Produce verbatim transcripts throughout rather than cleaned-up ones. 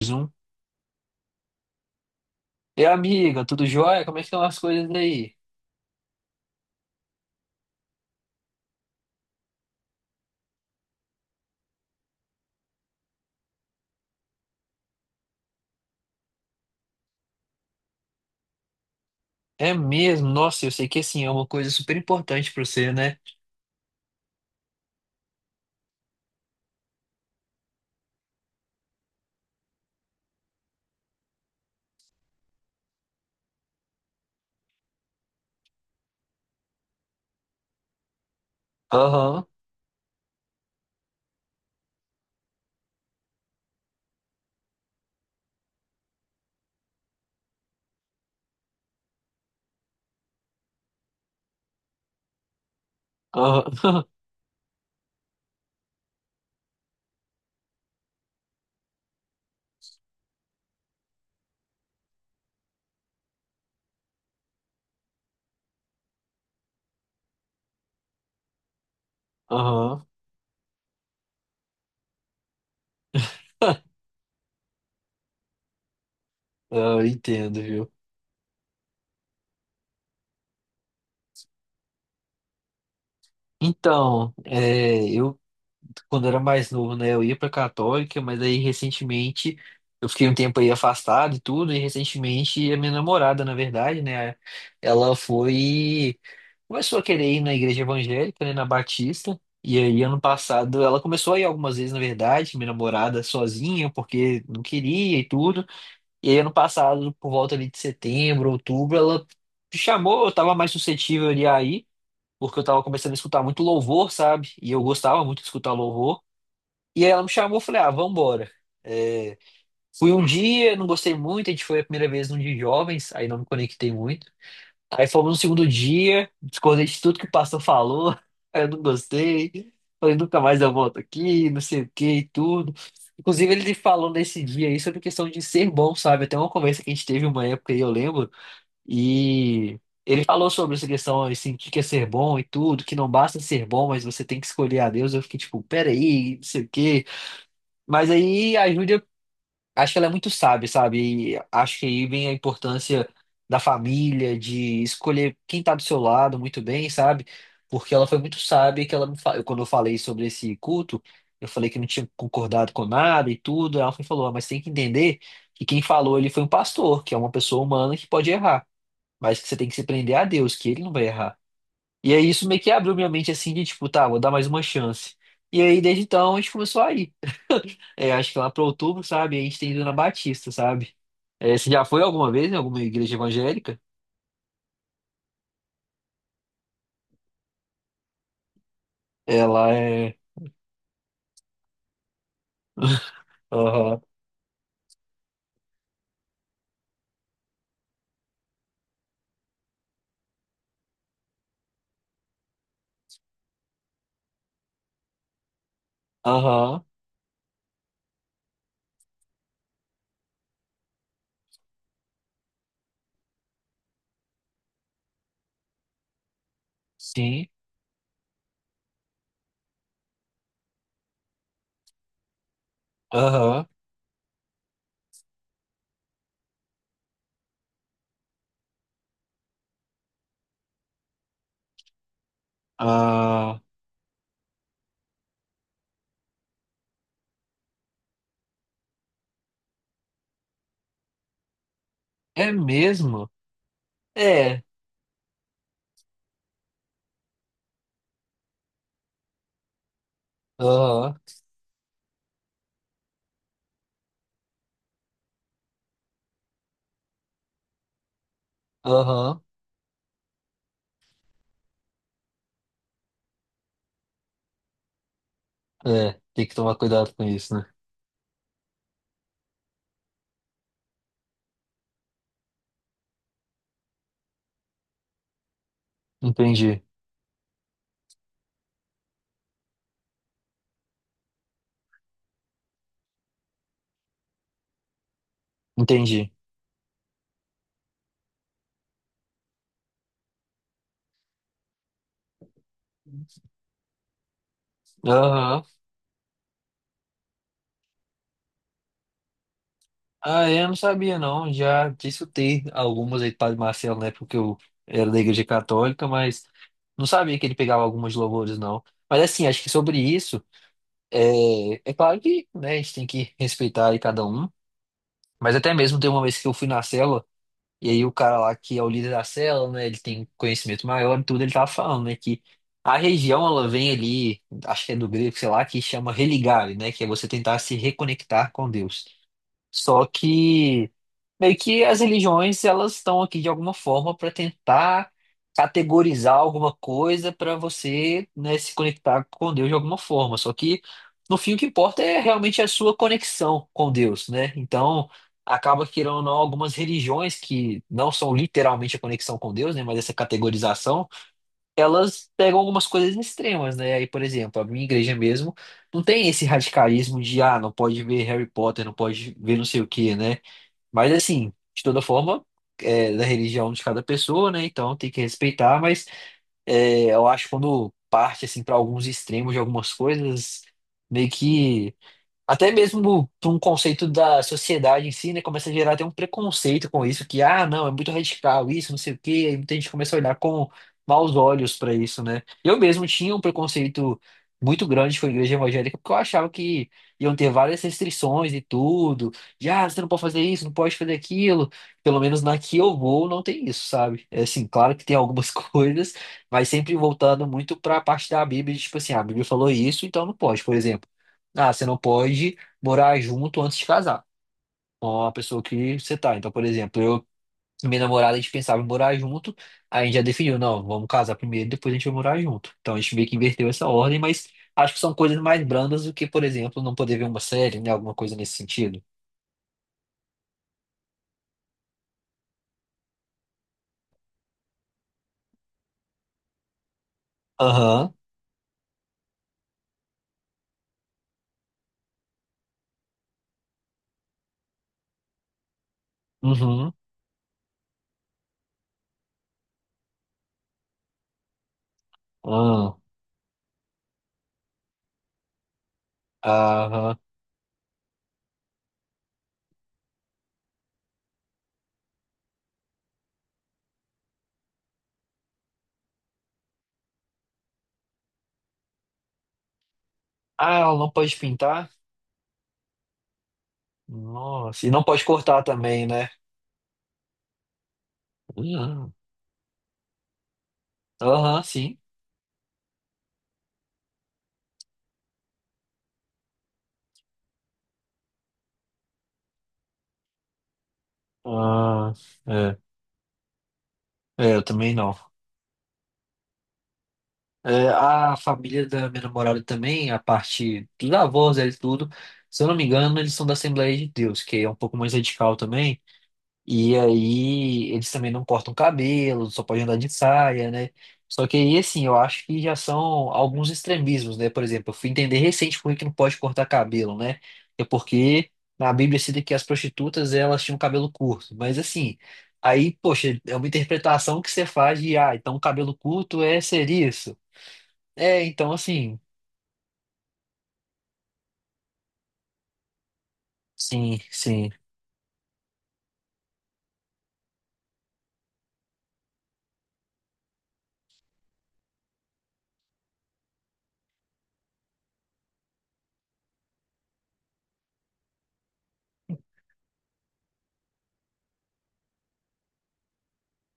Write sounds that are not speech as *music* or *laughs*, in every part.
Mais um. E amiga, tudo jóia? Como é que estão as coisas aí? É mesmo? Nossa, eu sei que assim é uma coisa super importante pra você, né? Aham, aham, *laughs* aham. *laughs* Ah, eu entendo, viu? Então, é, eu quando eu era mais novo, né, eu ia pra Católica, mas aí recentemente eu fiquei um tempo aí afastado e tudo, e recentemente a minha namorada, na verdade, né, ela foi, começou a querer ir na igreja evangélica, né, na Batista, e aí ano passado ela começou a ir algumas vezes, na verdade, minha namorada sozinha, porque não queria e tudo, e aí ano passado, por volta ali de setembro, outubro, ela me chamou, eu tava mais suscetível ali aí, porque eu tava começando a escutar muito louvor, sabe? E eu gostava muito de escutar louvor. E aí ela me chamou, eu falei, ah, vambora. É, fui um dia, não gostei muito, a gente foi a primeira vez num dia de jovens, aí não me conectei muito. Aí fomos no segundo dia, discordei de tudo que o pastor falou, *laughs* aí eu não gostei. Falei, nunca mais eu volto aqui, não sei o que e tudo. Inclusive, ele falou nesse dia aí sobre questão de ser bom, sabe? Até uma conversa que a gente teve uma época aí, eu lembro, e ele falou sobre essa questão, assim, o que que é ser bom e tudo, que não basta ser bom, mas você tem que escolher a Deus. Eu fiquei tipo, peraí, não sei o quê. Mas aí a Júlia, acho que ela é muito sábia, sabe? E acho que aí vem a importância da família, de escolher quem tá do seu lado muito bem, sabe? Porque ela foi muito sábia que ela me fa... quando eu falei sobre esse culto, eu falei que não tinha concordado com nada e tudo. Ela foi e falou, "Ah, mas tem que entender que quem falou ele foi um pastor, que é uma pessoa humana que pode errar, mas que você tem que se prender a Deus, que ele não vai errar. E aí isso meio que abriu minha mente assim de tipo, tá, vou dar mais uma chance. E aí desde então a gente começou a ir é, acho que lá para outubro, sabe? A gente tem ido na Batista, sabe? É, você já foi alguma vez em alguma igreja evangélica? Ela é. Aham. Aham. Sim. Aham. Ah. É mesmo? É. Aham. Aham. É. Tem que tomar cuidado com isso, né? Entendi. Entendi. Aham. Ah, é, eu não sabia, não. Já discutei algumas aí do Padre Marcelo, né? Porque eu era da igreja católica, mas não sabia que ele pegava algumas louvores, não. Mas assim, acho que sobre isso. É, é claro que, né, a gente tem que respeitar aí cada um, mas até mesmo tem uma vez que eu fui na cela, e aí o cara lá que é o líder da cela, né, ele tem conhecimento maior e tudo, ele tava falando, né, que a região, ela vem ali, acho que é do grego, sei lá, que chama religare, né, que é você tentar se reconectar com Deus. Só que meio que as religiões elas estão aqui de alguma forma para tentar categorizar alguma coisa para você, né, se conectar com Deus de alguma forma. Só que no fim o que importa é realmente a sua conexão com Deus, né? Então acaba que querendo ou não algumas religiões que não são literalmente a conexão com Deus, né, mas essa categorização elas pegam algumas coisas extremas, né? Aí, por exemplo, a minha igreja mesmo não tem esse radicalismo de, ah, não pode ver Harry Potter, não pode ver não sei o quê, né? Mas, assim, de toda forma, é da religião de cada pessoa, né? Então tem que respeitar, mas é, eu acho que quando parte, assim, para alguns extremos de algumas coisas, meio que. Até mesmo para um conceito da sociedade em si, né? Começa a gerar até um preconceito com isso, que, ah, não, é muito radical isso, não sei o quê. Aí muita gente começa a olhar com maus olhos para isso, né? Eu mesmo tinha um preconceito muito grande com a igreja evangélica, porque eu achava que iam ter várias restrições e tudo. De, ah, você não pode fazer isso, não pode fazer aquilo. Pelo menos na que eu vou, não tem isso, sabe? É assim, claro que tem algumas *laughs* coisas, mas sempre voltando muito para a parte da Bíblia, de, tipo assim, ah, a Bíblia falou isso, então não pode, por exemplo. Ah, você não pode morar junto antes de casar com a pessoa que você tá. Então, por exemplo, eu e minha namorada, a gente pensava em morar junto, aí a gente já definiu, não, vamos casar primeiro, depois a gente vai morar junto. Então, a gente meio que inverteu essa ordem, mas acho que são coisas mais brandas do que, por exemplo, não poder ver uma série, né? Alguma coisa nesse sentido. Aham, uhum, aham, aham. Ah, ela não pode pintar? Nossa, e não pode cortar também, né? Uhum. Aham, sim. Ah, é. É, eu também não. É, a família da minha namorada também, a parte dos avós, eles tudo, se eu não me engano, eles são da Assembleia de Deus, que é um pouco mais radical também. E aí eles também não cortam cabelo, só podem andar de saia, né? Só que aí, assim, eu acho que já são alguns extremismos, né? Por exemplo, eu fui entender recente por que que não pode cortar cabelo, né? É porque na Bíblia cita que as prostitutas, elas tinham cabelo curto. Mas assim, aí, poxa, é uma interpretação que você faz de, ah, então cabelo curto é ser isso. É, então assim, sim, sim.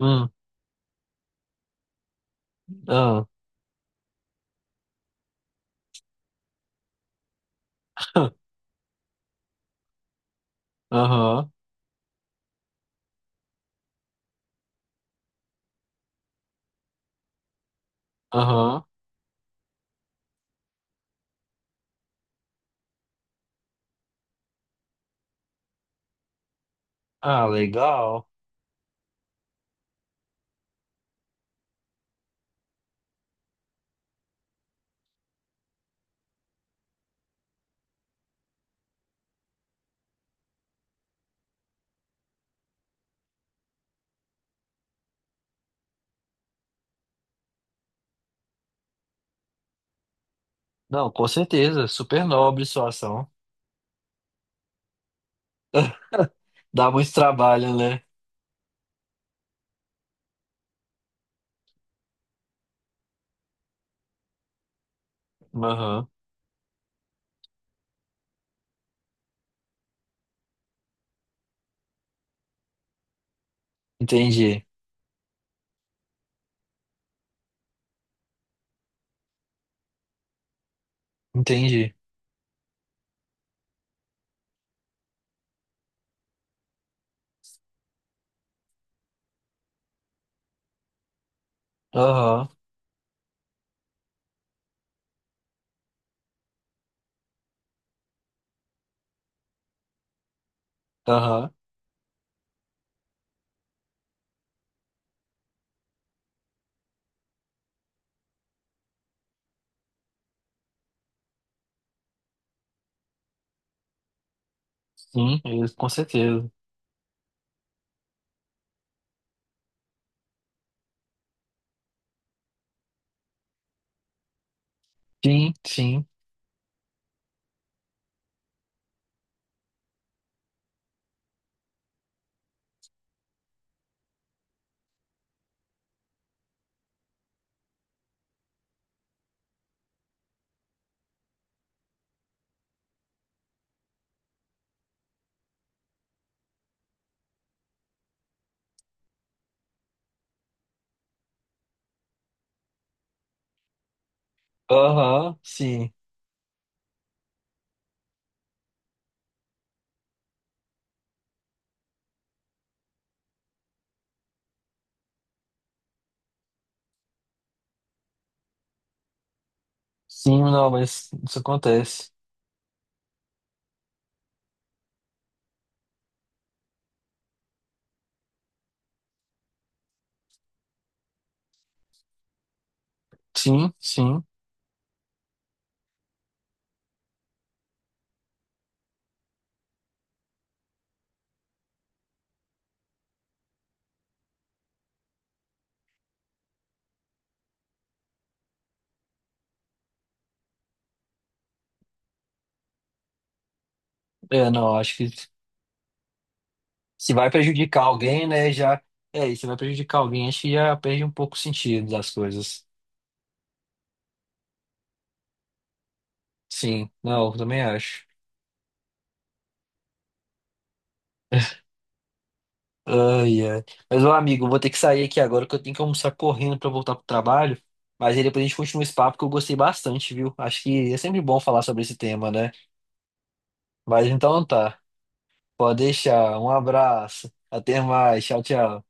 Hum, ah, *laughs* aham, aham. Ah, legal. Não, com certeza, super nobre sua ação. Dá muito trabalho, né? Aham, entendi, entendi. Aham, aham, sim, é isso, com certeza. Sim, sim, aham, sim. Sim, não, mas isso acontece. Sim, sim. É, não, acho que se vai prejudicar alguém, né, já... É, e se vai prejudicar alguém, acho que já perde um pouco o sentido das coisas. Sim, não, eu também acho. Ai, ai. Mas, ô amigo, eu vou ter que sair aqui agora que eu tenho que almoçar correndo pra voltar pro trabalho. Mas aí depois a gente continua esse papo que eu gostei bastante, viu? Acho que é sempre bom falar sobre esse tema, né? Mas então tá. Pode deixar. Um abraço. Até mais. Tchau, tchau.